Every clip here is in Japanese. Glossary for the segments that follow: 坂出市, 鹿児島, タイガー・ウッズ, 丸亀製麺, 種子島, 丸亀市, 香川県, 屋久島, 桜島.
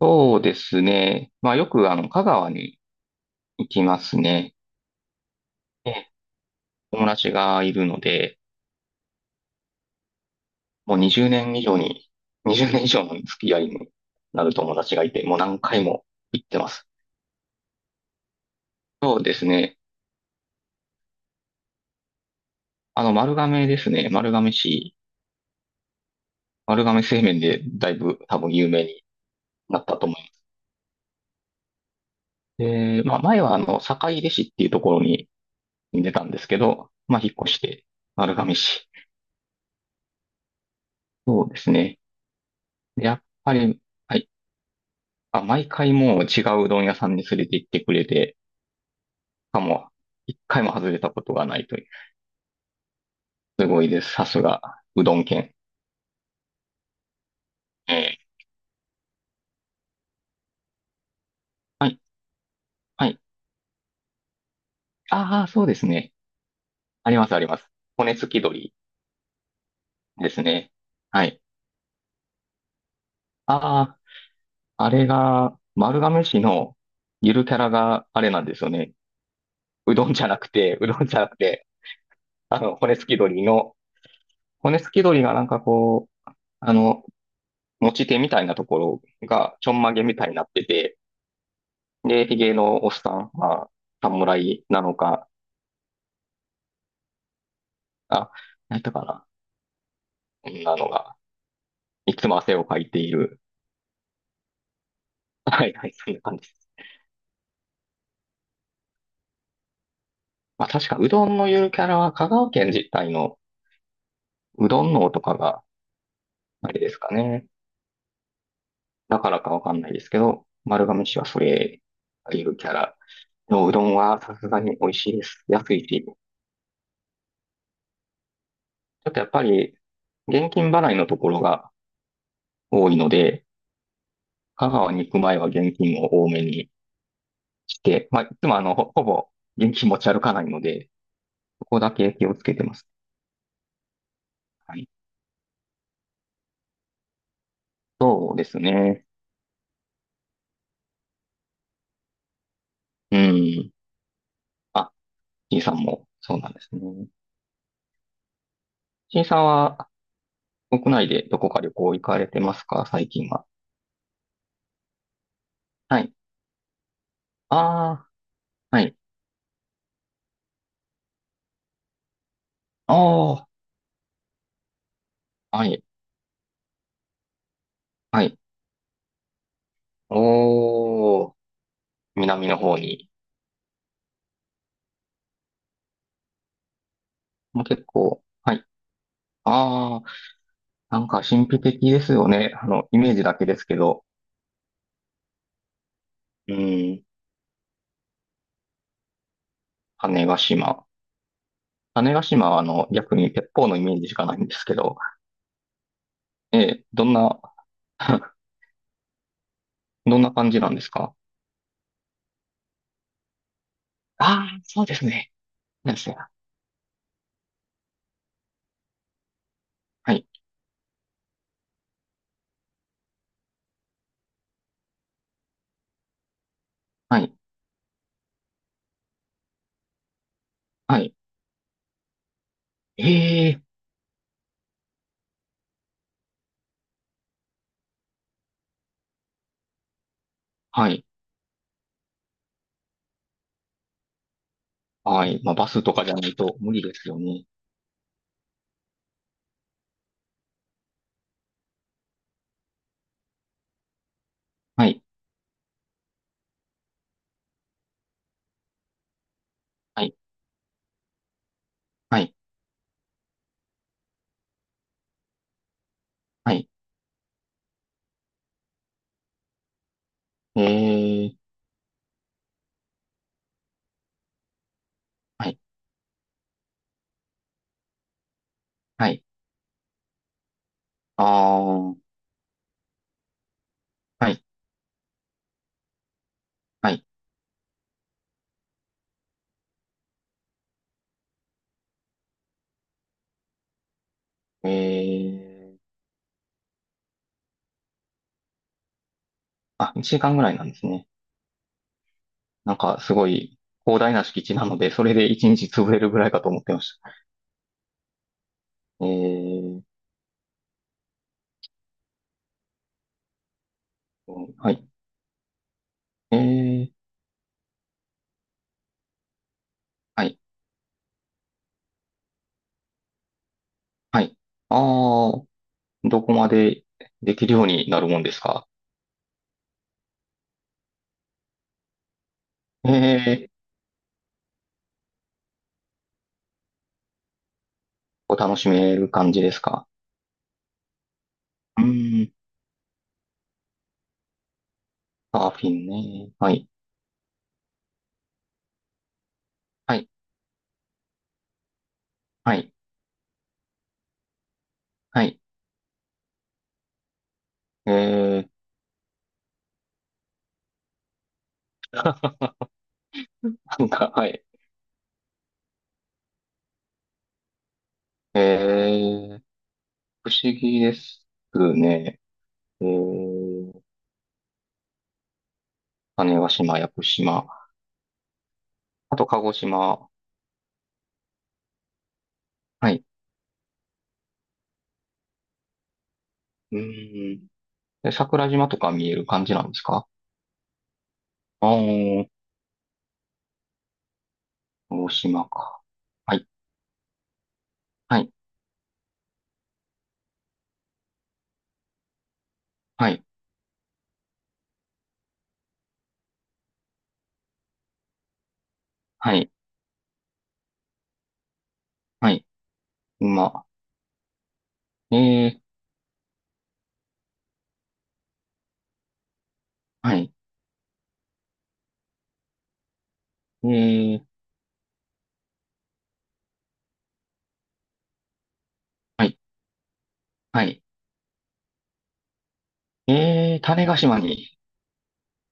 そうですね。まあよく香川に行きますね。ええ、友達がいるので、もう20年以上に、20年以上の付き合いになる友達がいて、もう何回も行ってます。そうですね。丸亀ですね。丸亀市、丸亀製麺でだいぶ多分有名になったと思います。で、まあ前は坂出市っていうところに住んでたんですけど、まあ引っ越して、丸亀市。そうですね。でやっぱり、はい。あ、毎回もう違ううどん屋さんに連れて行ってくれて、しかも、一回も外れたことがないという。すごいです。さすが、うどん県。ええ。はい、はい。ああ、そうですね。あります、あります。骨付き鶏ですね。はい。ああ、あれが、丸亀市のゆるキャラがあれなんですよね。うどんじゃなくて、うどんじゃなくて、あの、骨付き鶏の、骨付き鶏がなんかこう、あの、持ち手みたいなところがちょんまげみたいになってて、で、ヒゲのおっさん、まあ、侍なのか、あ、何やったかな。こんなのが、いつも汗をかいている。はいはい、そんな感じです。まあ確か、うどんのゆるキャラは香川県自体のうどんのとかが、あれですかね。だからかわかんないですけど、丸亀市はそれ、ゆるキャラのうどんはさすがに美味しいです。安いし。ちょっとやっぱり、現金払いのところが多いので、香川に行く前は現金を多めに来て、まあ、いつもほぼ現金持ち歩かないので、そこだけ気をつけてます。はい。そうですね。うん。あ、C さんもそうなんですね。C さんは国内でどこか旅行行かれてますか最近は。はい。ああ、はい。ああ、はい。はい。おー、南の方に。もう結構、はい。ああ、なんか神秘的ですよね。あの、イメージだけですけど。うん。種子島。種子島は逆に鉄砲のイメージしかないんですけど、ええ、どんな、どんな感じなんですか？ああー、そうですね。なんですね。はい、はい、はい。ええ、はい、はい。まあ、バスとかじゃないと無理ですよね。はい、はい、はい、はい。ええ、はい、はい。ああ、はい、はい。ええ、あ、1時間ぐらいなんですね。なんか、すごい広大な敷地なので、それで一日潰れるぐらいかと思ってました。ええ、はい。ええ。はい。はい。ああ、どこまでできるようになるもんですか？ええ、お楽しめる感じですか？うーん、サーフィンね。はい。はい。はい。はい。ええ、なんか、はい。ええ、不思議ですね。ええ、種子島、屋久島。あと、鹿児島。はい。うーん。で桜島とか見える感じなんですか？ああー、鹿児島か。はい。はい。はい。はい。はい。今、えー、はい。えー、はい。はい。えー、種子島に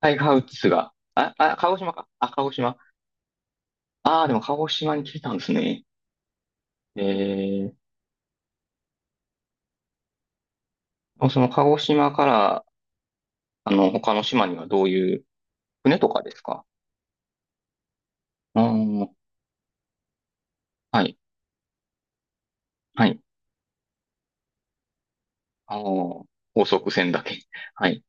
タイガー・ウッズが、あ、あ、鹿児島か。あ、鹿児島。ああ、でも鹿児島に来てたんですね。えー、その鹿児島から、あの、他の島にはどういう、船とかですか？うーん、はい。はい。あの、高速船だけ。はい。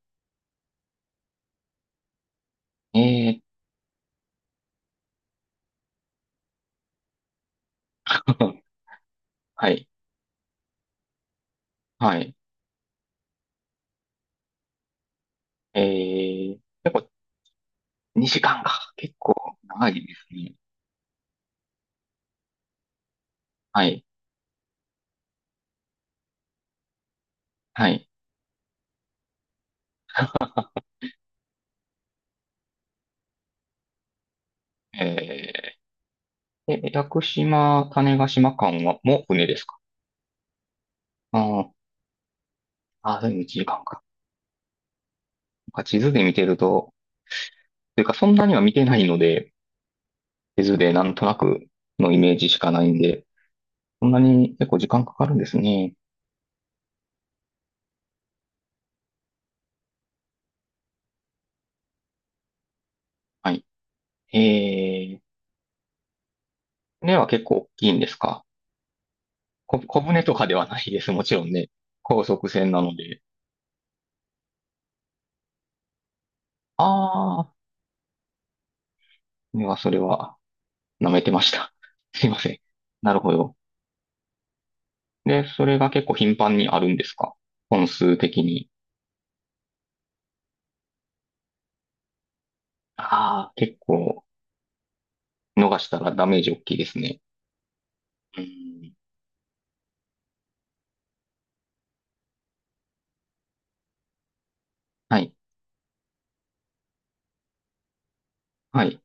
えーっと、はい。はい。えー、結構2時間か。結構長いですね。はい。はい。えー。え、屋久島、種子島間は、もう船ですか？あー。あー、でも時間かんか。なんか地図で見てると、というかそんなには見てないので、地図でなんとなくのイメージしかないんで、そんなに結構時間かかるんですね。はい。えー、船は結構大きいんですか？こ、小舟とかではないです。もちろんね。高速船なので。ああ、船はそれは舐めてました。すいません。なるほど。で、それが結構頻繁にあるんですか？本数的に。ああ、結構逃したらダメージ大きいですね。うん。はい。はい。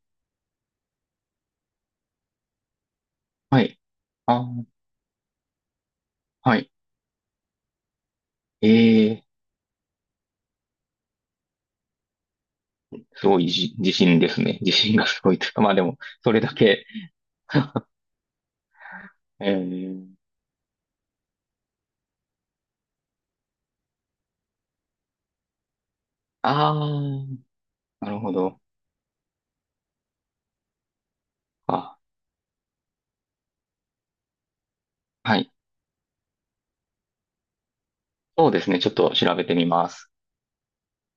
はい。あー、はい。ええ、すごいじ自信ですね。自信がすごいというか、まあでも、それだけ。えー。ああ、なるほど。あ、はい。そうですね。ちょっと調べてみます。